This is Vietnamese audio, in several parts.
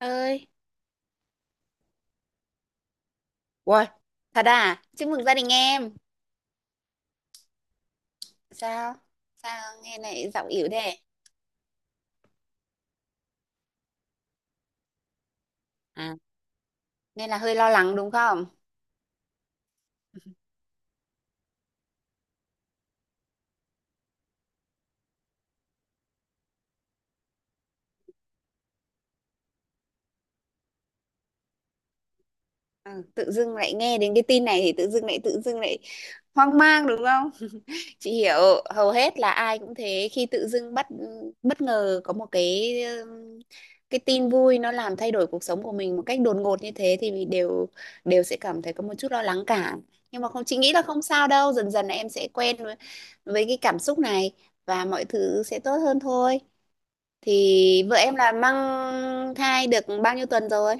Ơi. Uầy, thật à, chúc mừng gia đình em. Sao sao nghe lại giọng ỉu thế? À, nên là hơi lo lắng đúng không? Ừ, tự dưng lại nghe đến cái tin này thì tự dưng lại hoang mang đúng không? Chị hiểu, hầu hết là ai cũng thế, khi tự dưng bất bất ngờ có một cái tin vui nó làm thay đổi cuộc sống của mình một cách đột ngột như thế, thì mình đều đều sẽ cảm thấy có một chút lo lắng cả. Nhưng mà không, chị nghĩ là không sao đâu, dần dần là em sẽ quen với cái cảm xúc này và mọi thứ sẽ tốt hơn thôi. Thì vợ em là mang thai được bao nhiêu tuần rồi?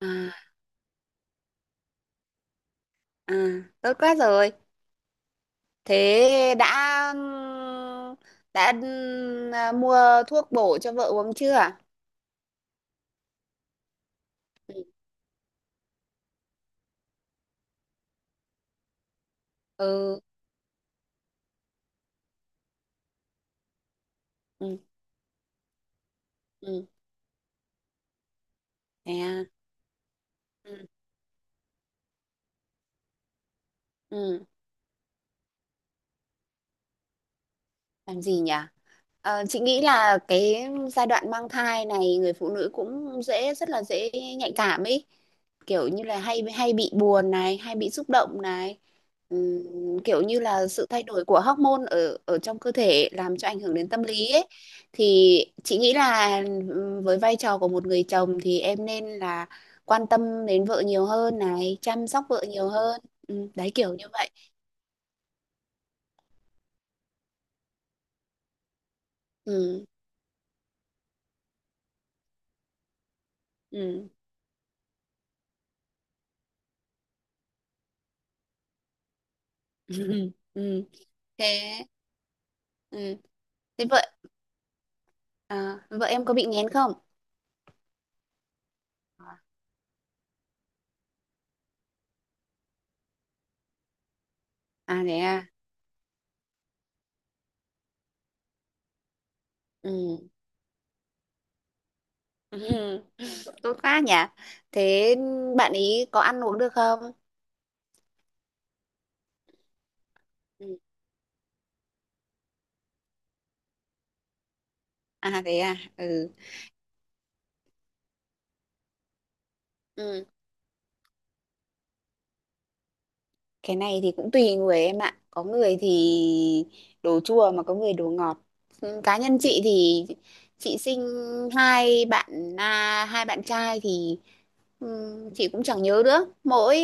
À. À, tốt quá rồi. Thế đã mua thuốc bổ cho vợ uống chưa? Ừ. Ừ. Ừ. Ừ. Thế à? Ừ. Ừ. Làm gì nhỉ? Ờ, chị nghĩ là cái giai đoạn mang thai này người phụ nữ cũng dễ, rất là dễ nhạy cảm ấy, kiểu như là hay hay bị buồn này, hay bị xúc động này. Kiểu như là sự thay đổi của hormone ở ở trong cơ thể làm cho ảnh hưởng đến tâm lý ấy. Thì chị nghĩ là với vai trò của một người chồng thì em nên là quan tâm đến vợ nhiều hơn này, chăm sóc vợ nhiều hơn. Đấy, kiểu như vậy. Ừ. Ừ. Ừ. Thế. Ừ. Thế vợ à, vợ em có bị nghén không? À thế à. Ừ. Ừ, tốt quá nhỉ. Thế bạn ý có ăn uống được không? Ừ. À thế à. Ừ. Ừ. Cái này thì cũng tùy người em ạ. Có người thì đồ chua mà có người đồ ngọt. Ừ, cá nhân chị thì chị sinh hai bạn à, hai bạn trai thì ừ, chị cũng chẳng nhớ nữa, mỗi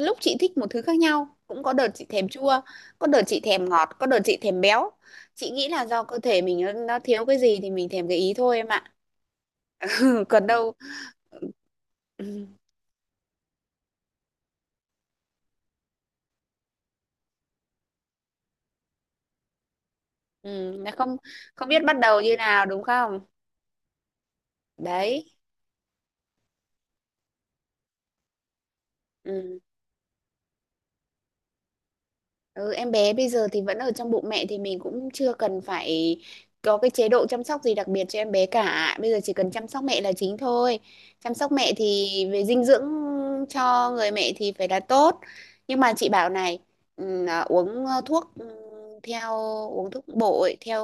lúc chị thích một thứ khác nhau, cũng có đợt chị thèm chua, có đợt chị thèm ngọt, có đợt chị thèm béo. Chị nghĩ là do cơ thể mình nó thiếu cái gì thì mình thèm cái ý thôi em ạ. Ừ, còn đâu ừ, ừ, nó không. Không biết bắt đầu như nào đúng không? Đấy. Ừ. Ừ, em bé bây giờ thì vẫn ở trong bụng mẹ thì mình cũng chưa cần phải có cái chế độ chăm sóc gì đặc biệt cho em bé cả. Bây giờ chỉ cần chăm sóc mẹ là chính thôi. Chăm sóc mẹ thì về dinh dưỡng cho người mẹ thì phải là tốt. Nhưng mà chị bảo này, ừ, à, thuốc ừ, theo uống thuốc bổ theo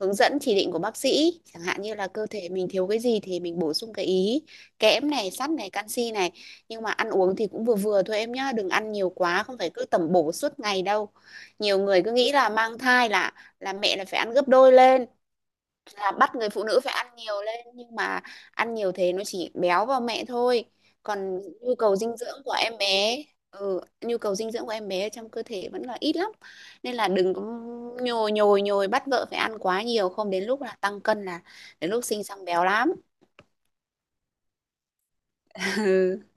hướng dẫn chỉ định của bác sĩ, chẳng hạn như là cơ thể mình thiếu cái gì thì mình bổ sung cái ý, kẽm này, sắt này, canxi này. Nhưng mà ăn uống thì cũng vừa vừa thôi em nhá, đừng ăn nhiều quá, không phải cứ tẩm bổ suốt ngày đâu. Nhiều người cứ nghĩ là mang thai là mẹ là phải ăn gấp đôi lên, là bắt người phụ nữ phải ăn nhiều lên. Nhưng mà ăn nhiều thế nó chỉ béo vào mẹ thôi, còn nhu cầu dinh dưỡng của em bé ừ, nhu cầu dinh dưỡng của em bé trong cơ thể vẫn là ít lắm. Nên là đừng có nhồi nhồi nhồi bắt vợ phải ăn quá nhiều, không đến lúc là tăng cân, là đến lúc sinh xong béo lắm.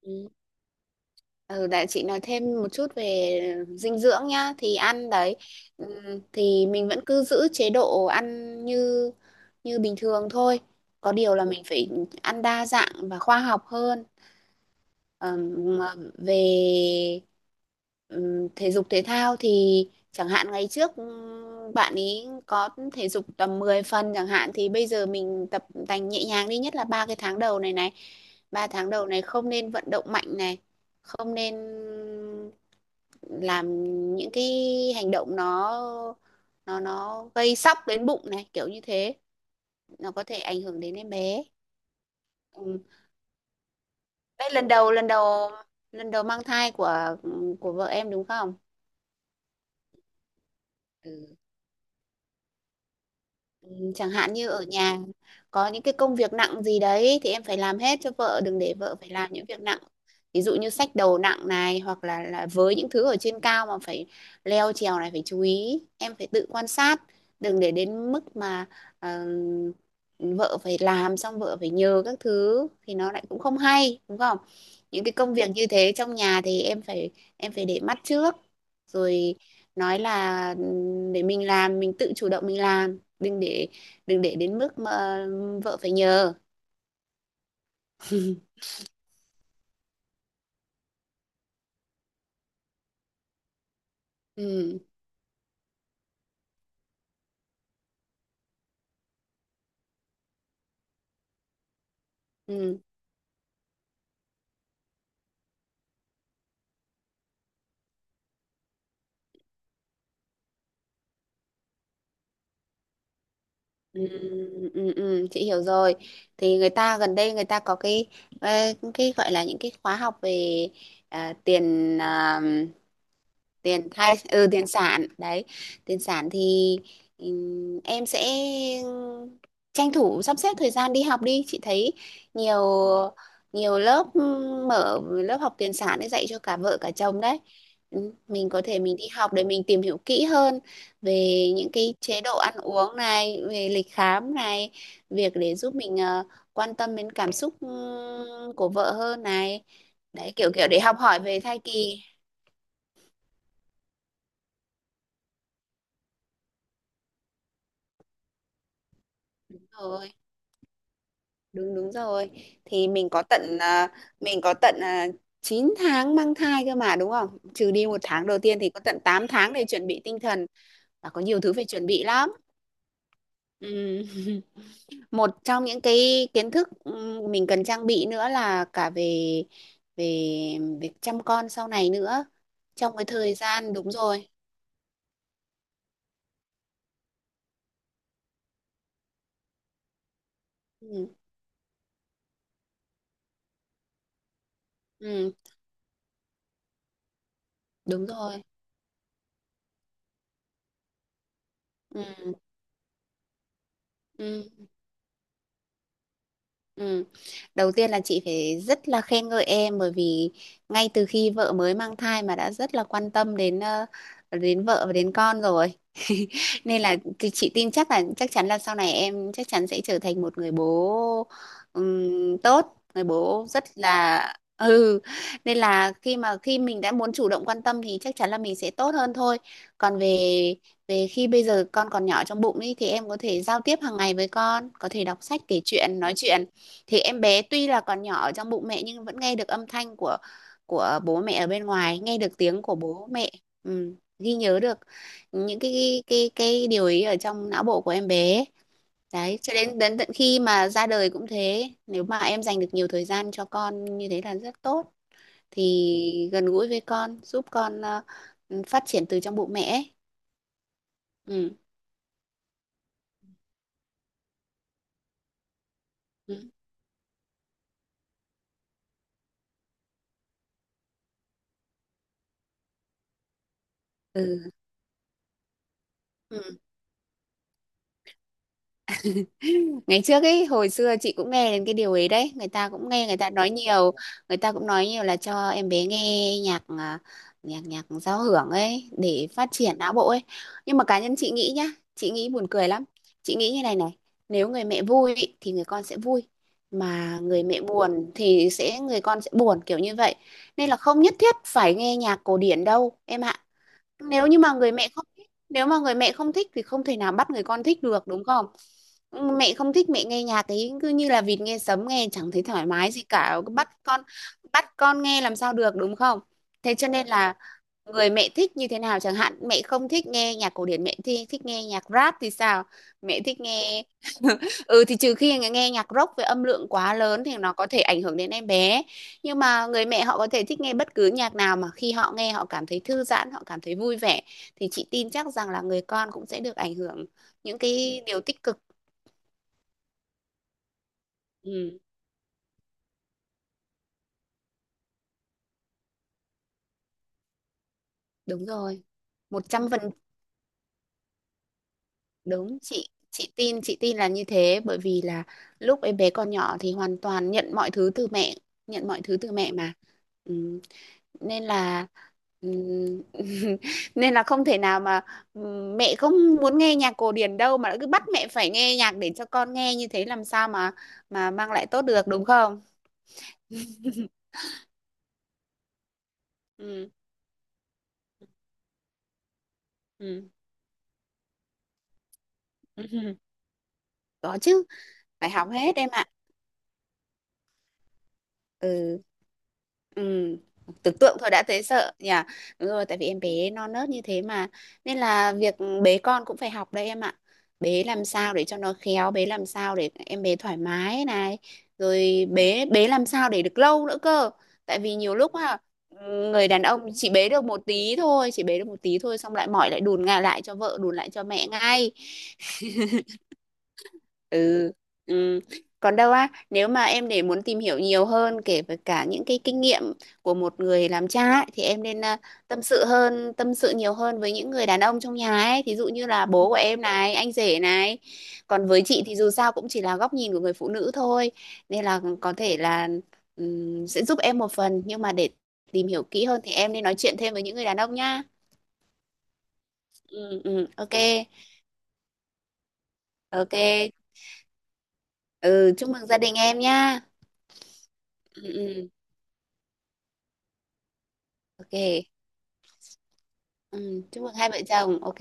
Ừ. Ừ, để chị nói thêm một chút về dinh dưỡng nhá. Thì ăn đấy, thì mình vẫn cứ giữ chế độ ăn như như bình thường thôi, có điều là mình phải ăn đa dạng và khoa học hơn. Ờm, mà về thể dục thể thao thì chẳng hạn ngày trước bạn ấy có thể dục tầm 10 phần chẳng hạn, thì bây giờ mình tập tành nhẹ nhàng đi, nhất là 3 cái tháng đầu này này. 3 tháng đầu này không nên vận động mạnh này, không nên làm những cái hành động nó gây sóc đến bụng này, kiểu như thế. Nó có thể ảnh hưởng đến em bé. Đấy, lần đầu mang thai của vợ em đúng không? Ừ. Chẳng hạn như ở nhà có những cái công việc nặng gì đấy thì em phải làm hết cho vợ, đừng để vợ phải làm những việc nặng. Ví dụ như xách đầu nặng này, hoặc là với những thứ ở trên cao mà phải leo trèo này, phải chú ý, em phải tự quan sát, đừng để đến mức mà ờ, vợ phải làm xong vợ phải nhờ các thứ thì nó lại cũng không hay đúng không? Những cái công việc như thế trong nhà thì em phải để mắt trước, rồi nói là ừ, để mình làm mình tự chủ động mình làm, đừng để đến mức mà vợ phải nhờ. Ừ, ừ, ừ, ừ, ừ, chị hiểu rồi. Thì người ta gần đây người ta có ờ, cái gọi là những cái khóa học về à, tiền thai ừ tiền sản đấy, tiền sản thì em sẽ tranh thủ sắp xếp thời gian đi học đi, chị thấy nhiều nhiều lớp, mở lớp học tiền sản để dạy cho cả vợ cả chồng đấy. Ừ, mình có thể mình đi học để mình tìm hiểu kỹ hơn về những cái chế độ ăn uống này, về lịch khám này, việc để giúp mình ờ, quan tâm đến cảm xúc của vợ hơn này. Đấy, kiểu kiểu để học hỏi về thai kỳ. Rồi đúng đúng rồi. Thì mình có tận uh, 9 tháng mang thai cơ mà đúng không, trừ đi một tháng đầu tiên thì có tận 8 tháng để chuẩn bị tinh thần. Và có nhiều thứ phải chuẩn bị lắm. Ừ. Một trong những cái kiến thức ừ, mình cần trang bị nữa là cả về về việc chăm con sau này nữa trong cái thời gian. Đúng rồi. Ừ, ừ, đúng rồi. Ừ, ừ. Ừ. Đầu tiên là chị phải rất là khen ngợi em, bởi vì ngay từ khi vợ mới mang thai mà đã rất là quan tâm đến ờ, đến vợ và đến con rồi. Nên là thì chị tin chắc là chắc chắn là sau này em chắc chắn sẽ trở thành một người bố tốt, người bố rất là. Ừ. Nên là khi mà khi mình đã muốn chủ động quan tâm thì chắc chắn là mình sẽ tốt hơn thôi. Còn về về khi bây giờ con còn nhỏ trong bụng ý, thì em có thể giao tiếp hàng ngày với con, có thể đọc sách, kể chuyện, nói chuyện. Thì em bé tuy là còn nhỏ ở trong bụng mẹ nhưng vẫn nghe được âm thanh của bố mẹ ở bên ngoài, nghe được tiếng của bố mẹ. Ừ, ghi nhớ được những cái điều ý ở trong não bộ của em bé. Đấy, cho đến đến tận khi mà ra đời cũng thế, nếu mà em dành được nhiều thời gian cho con như thế là rất tốt. Thì gần gũi với con giúp con ờ, phát triển từ trong bụng mẹ ấy. Ừ. Ừ. Ừ. Ngày trước ấy, hồi xưa chị cũng nghe đến cái điều ấy đấy, người ta cũng nghe người ta nói nhiều, người ta cũng nói nhiều là cho em bé nghe nhạc à, nhạc nhạc giao hưởng ấy để phát triển não bộ ấy. Nhưng mà cá nhân chị nghĩ nhá, chị nghĩ buồn cười lắm. Chị nghĩ như này này, nếu người mẹ vui ý, thì người con sẽ vui, mà người mẹ buồn thì sẽ người con sẽ buồn, kiểu như vậy. Nên là không nhất thiết phải nghe nhạc cổ điển đâu em ạ. Nếu như mà người mẹ không thích, nếu mà người mẹ không thích thì không thể nào bắt người con thích được đúng không? Mẹ không thích, mẹ nghe nhạc ấy cứ như là vịt nghe sấm, nghe chẳng thấy thoải mái gì cả, cứ bắt con nghe làm sao được đúng không? Thế cho nên là người mẹ thích như thế nào, chẳng hạn mẹ không thích nghe nhạc cổ điển, mẹ thi thích nghe nhạc rap thì sao? Mẹ thích nghe. Ừ, thì trừ khi nghe nghe nhạc rock với âm lượng quá lớn thì nó có thể ảnh hưởng đến em bé. Nhưng mà người mẹ họ có thể thích nghe bất cứ nhạc nào mà khi họ nghe họ cảm thấy thư giãn, họ cảm thấy vui vẻ, thì chị tin chắc rằng là người con cũng sẽ được ảnh hưởng những cái điều tích cực. Ừ, đúng rồi. Một trăm phần đúng. Chị tin là như thế, bởi vì là lúc em bé còn nhỏ thì hoàn toàn nhận mọi thứ từ mẹ, nhận mọi thứ từ mẹ mà. Ừ. Nên là ừm, nên là không thể nào mà mẹ không muốn nghe nhạc cổ điển đâu mà lại cứ bắt mẹ phải nghe nhạc để cho con nghe, như thế làm sao mà mang lại tốt được đúng không? Ừ. Ừ. Có chứ, phải học hết em ạ. Ừ. Ừ, tưởng tượng thôi đã thấy sợ nhỉ. Đúng rồi, tại vì em bé non nớt như thế mà. Nên là việc bế con cũng phải học đấy em ạ. Bế làm sao để cho nó khéo, bế làm sao để em bé thoải mái này. Rồi bế bế làm sao để được lâu nữa cơ. Tại vì nhiều lúc à, người đàn ông chỉ bế được một tí thôi, chỉ bế được một tí thôi xong lại mỏi lại đùn ngà lại cho vợ, đùn lại cho mẹ ngay. Ừ. Ừ. Còn đâu á, nếu mà em để muốn tìm hiểu nhiều hơn kể về cả những cái kinh nghiệm của một người làm cha ấy, thì em nên à, tâm sự hơn, tâm sự nhiều hơn với những người đàn ông trong nhà ấy, thí dụ như là bố của em này, anh rể này. Còn với chị thì dù sao cũng chỉ là góc nhìn của người phụ nữ thôi, nên là có thể là sẽ giúp em một phần nhưng mà để tìm hiểu kỹ hơn thì em nên nói chuyện thêm với những người đàn ông nhá. Ừ, ừ, ok, ok. Ừ, chúc mừng gia đình em nhá. Ừ, ừ, ok. Ừ, chúc mừng hai vợ chồng ok.